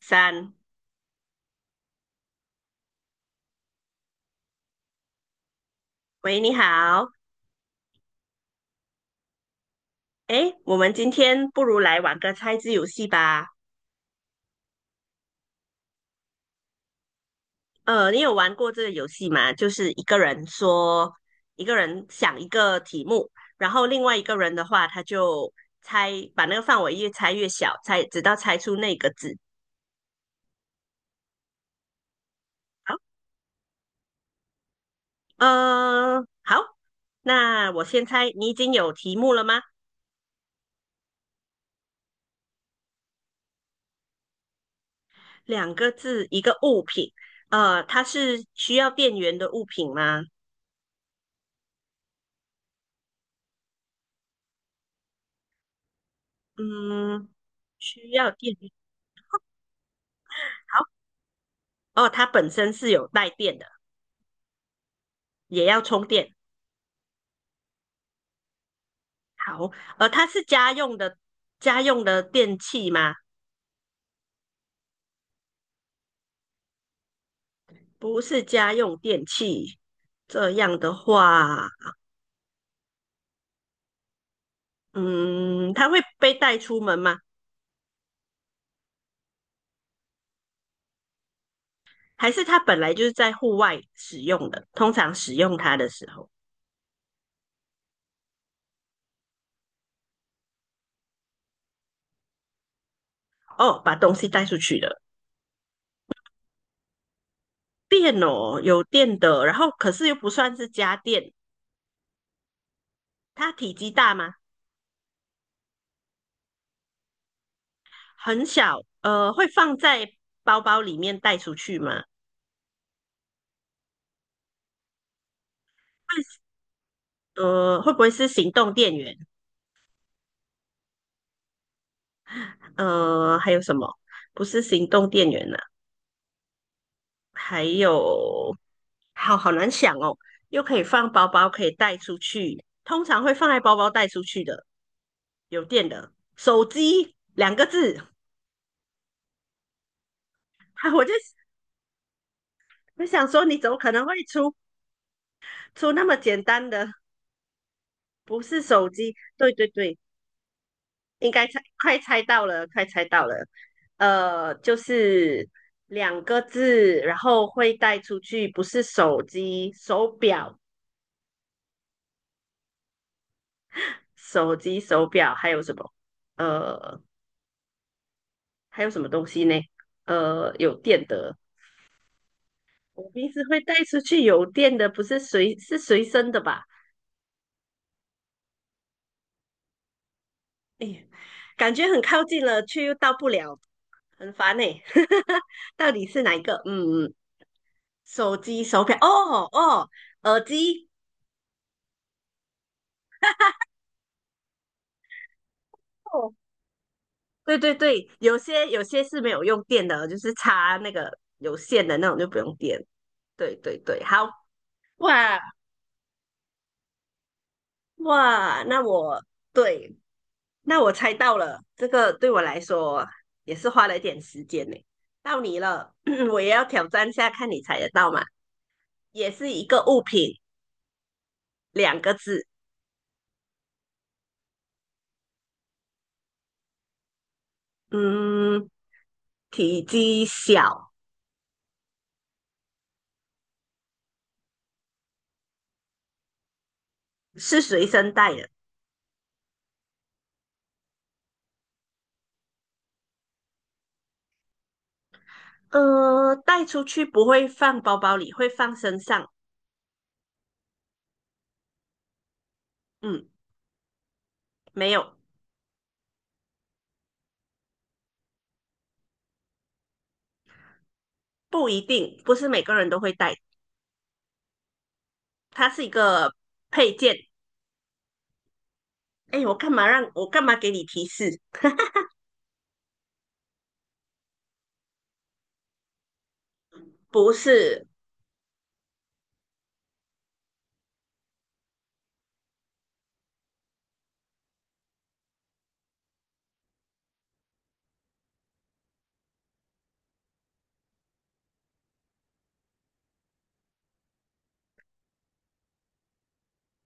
三，喂，你好，诶，我们今天不如来玩个猜字游戏吧。你有玩过这个游戏吗？就是一个人说，一个人想一个题目，然后另外一个人的话，他就猜，把那个范围越猜越小，猜，直到猜出那个字。好，好，那我先猜，你已经有题目了吗？两个字，一个物品，它是需要电源的物品吗？嗯，需要电源。好。哦，它本身是有带电的，也要充电。好，它是家用的电器吗？不是家用电器。这样的话，嗯，它会被带出门吗？还是它本来就是在户外使用的？通常使用它的时候，哦，把东西带出去了。电哦，有电的，然后可是又不算是家电。它体积大吗？很小，会放在包包里面带出去吗？会不会是行动电源？还有什么？不是行动电源呢、还有，好好难想哦。又可以放包包，可以带出去，通常会放在包包带出去的，有电的手机两个字。啊，我想说，你怎么可能会出那么简单的？不是手机，对对对，应该猜，快猜到了，快猜到了。就是两个字，然后会带出去，不是手机、手表、手机、手表，还有什么？呃，还有什么东西呢？有电的，我平时会带出去有电的，不是随是随身的吧？哎呀，感觉很靠近了，却又到不了，很烦呢、到底是哪一个？嗯嗯，手机、手表，哦哦，耳机。哦对对对，有些有些是没有用电的哦，就是插那个有线的那种就不用电。对对对，好哇哇，对，那我猜到了，这个对我来说也是花了一点时间呢。到你了，我也要挑战一下，看你猜得到吗？也是一个物品，两个字，嗯，体积小，是随身带的，带出去不会放包包里，会放身上，嗯，没有。不一定，不是每个人都会戴，它是一个配件。哎，我干嘛给你提示？不是，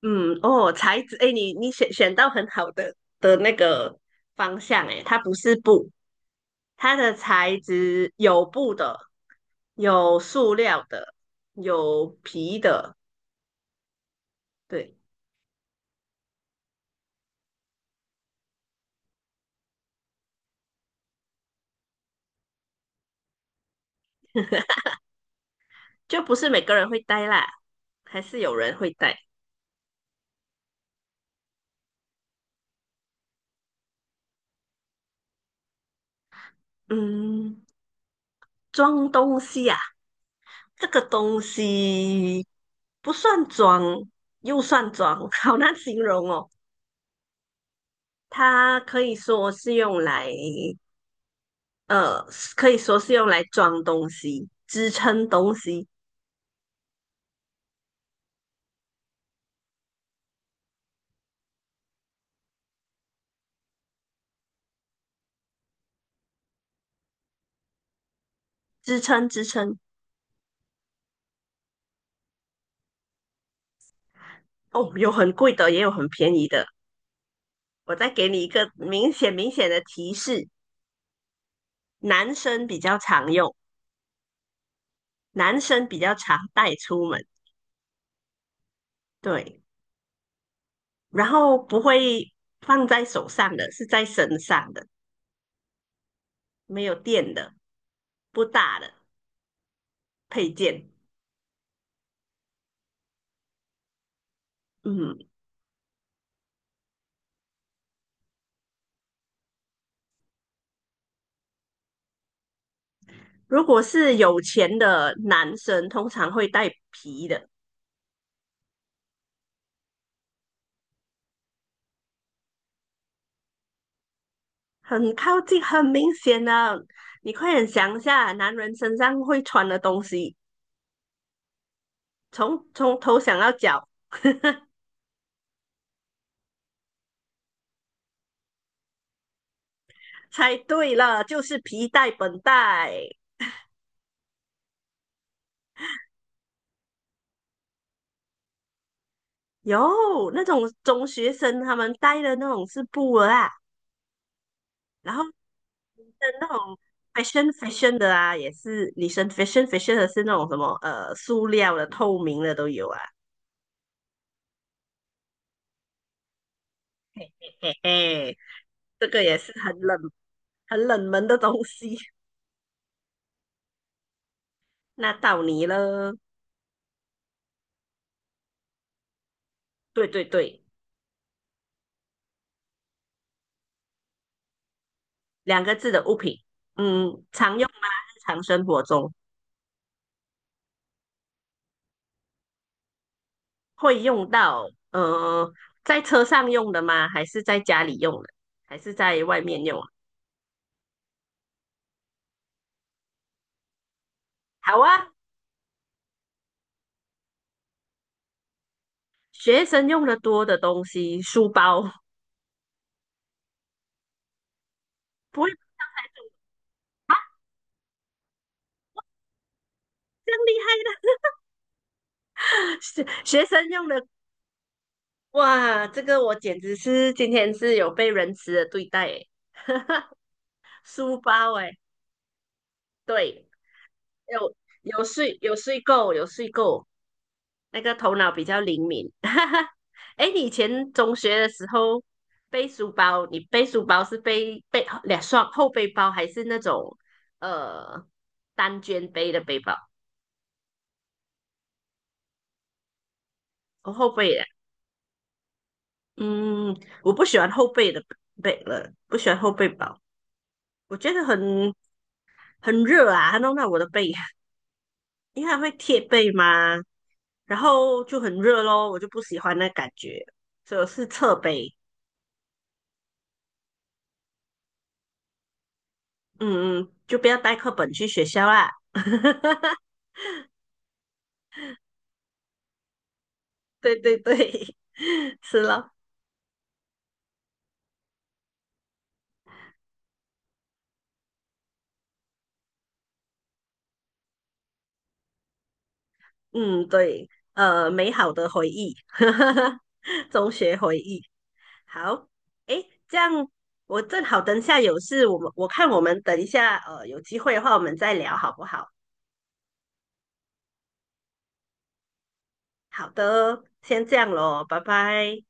嗯，哦，材质，哎，你选到很好的那个方向，哎，它不是布，它的材质有布的，有塑料的，有皮的，对，就不是每个人会戴啦，还是有人会戴。嗯，装东西啊，这个东西不算装，又算装，好难形容哦。它可以说是用来，呃，可以说是用来装东西、支撑东西、支撑。哦，有很贵的，也有很便宜的。我再给你一个明显的提示：男生比较常用，男生比较常带出门，对，然后不会放在手上的，是在身上的。没有电的，不大的配件。嗯，如果是有钱的男生，通常会带皮的，很靠近，很明显啊！你快点想一下，男人身上会穿的东西，从头想到脚。猜对了，就是皮带、本带。有那种中学生他们带的那种是布啊。然后女生那种 fashion fashion 的啊，也是女生 fashion fashion 的是那种什么塑料的、透明的都有啊。嘿嘿，这个也是很冷门的东西。那到你了，对对对，两个字的物品，嗯，常用吗？日常生活中会用到，在车上用的吗？还是在家里用的？还是在外面用啊？好啊，学生用的多的东西，书包，不会这样厉害。的。学生用的，哇，这个我简直是今天是有被仁慈的对待诶，书包诶，对，有有睡够，那个头脑比较灵敏。诶，你以前中学的时候背书包，你背书包是背两双后背包，还是那种呃单肩背的背包？哦，后背的，嗯，我不喜欢后背的，不喜欢后背包，我觉得很热啊，它弄到我的背，因为它会贴背嘛，然后就很热咯，我就不喜欢那感觉，所以我是侧背，嗯嗯，就不要带课本去学校啦。对对对，是咯，嗯对，美好的回忆，中学回忆，好，诶，这样我正好等一下有事，我看我们等一下，有机会的话我们再聊好不好？好的，先这样咯，拜拜。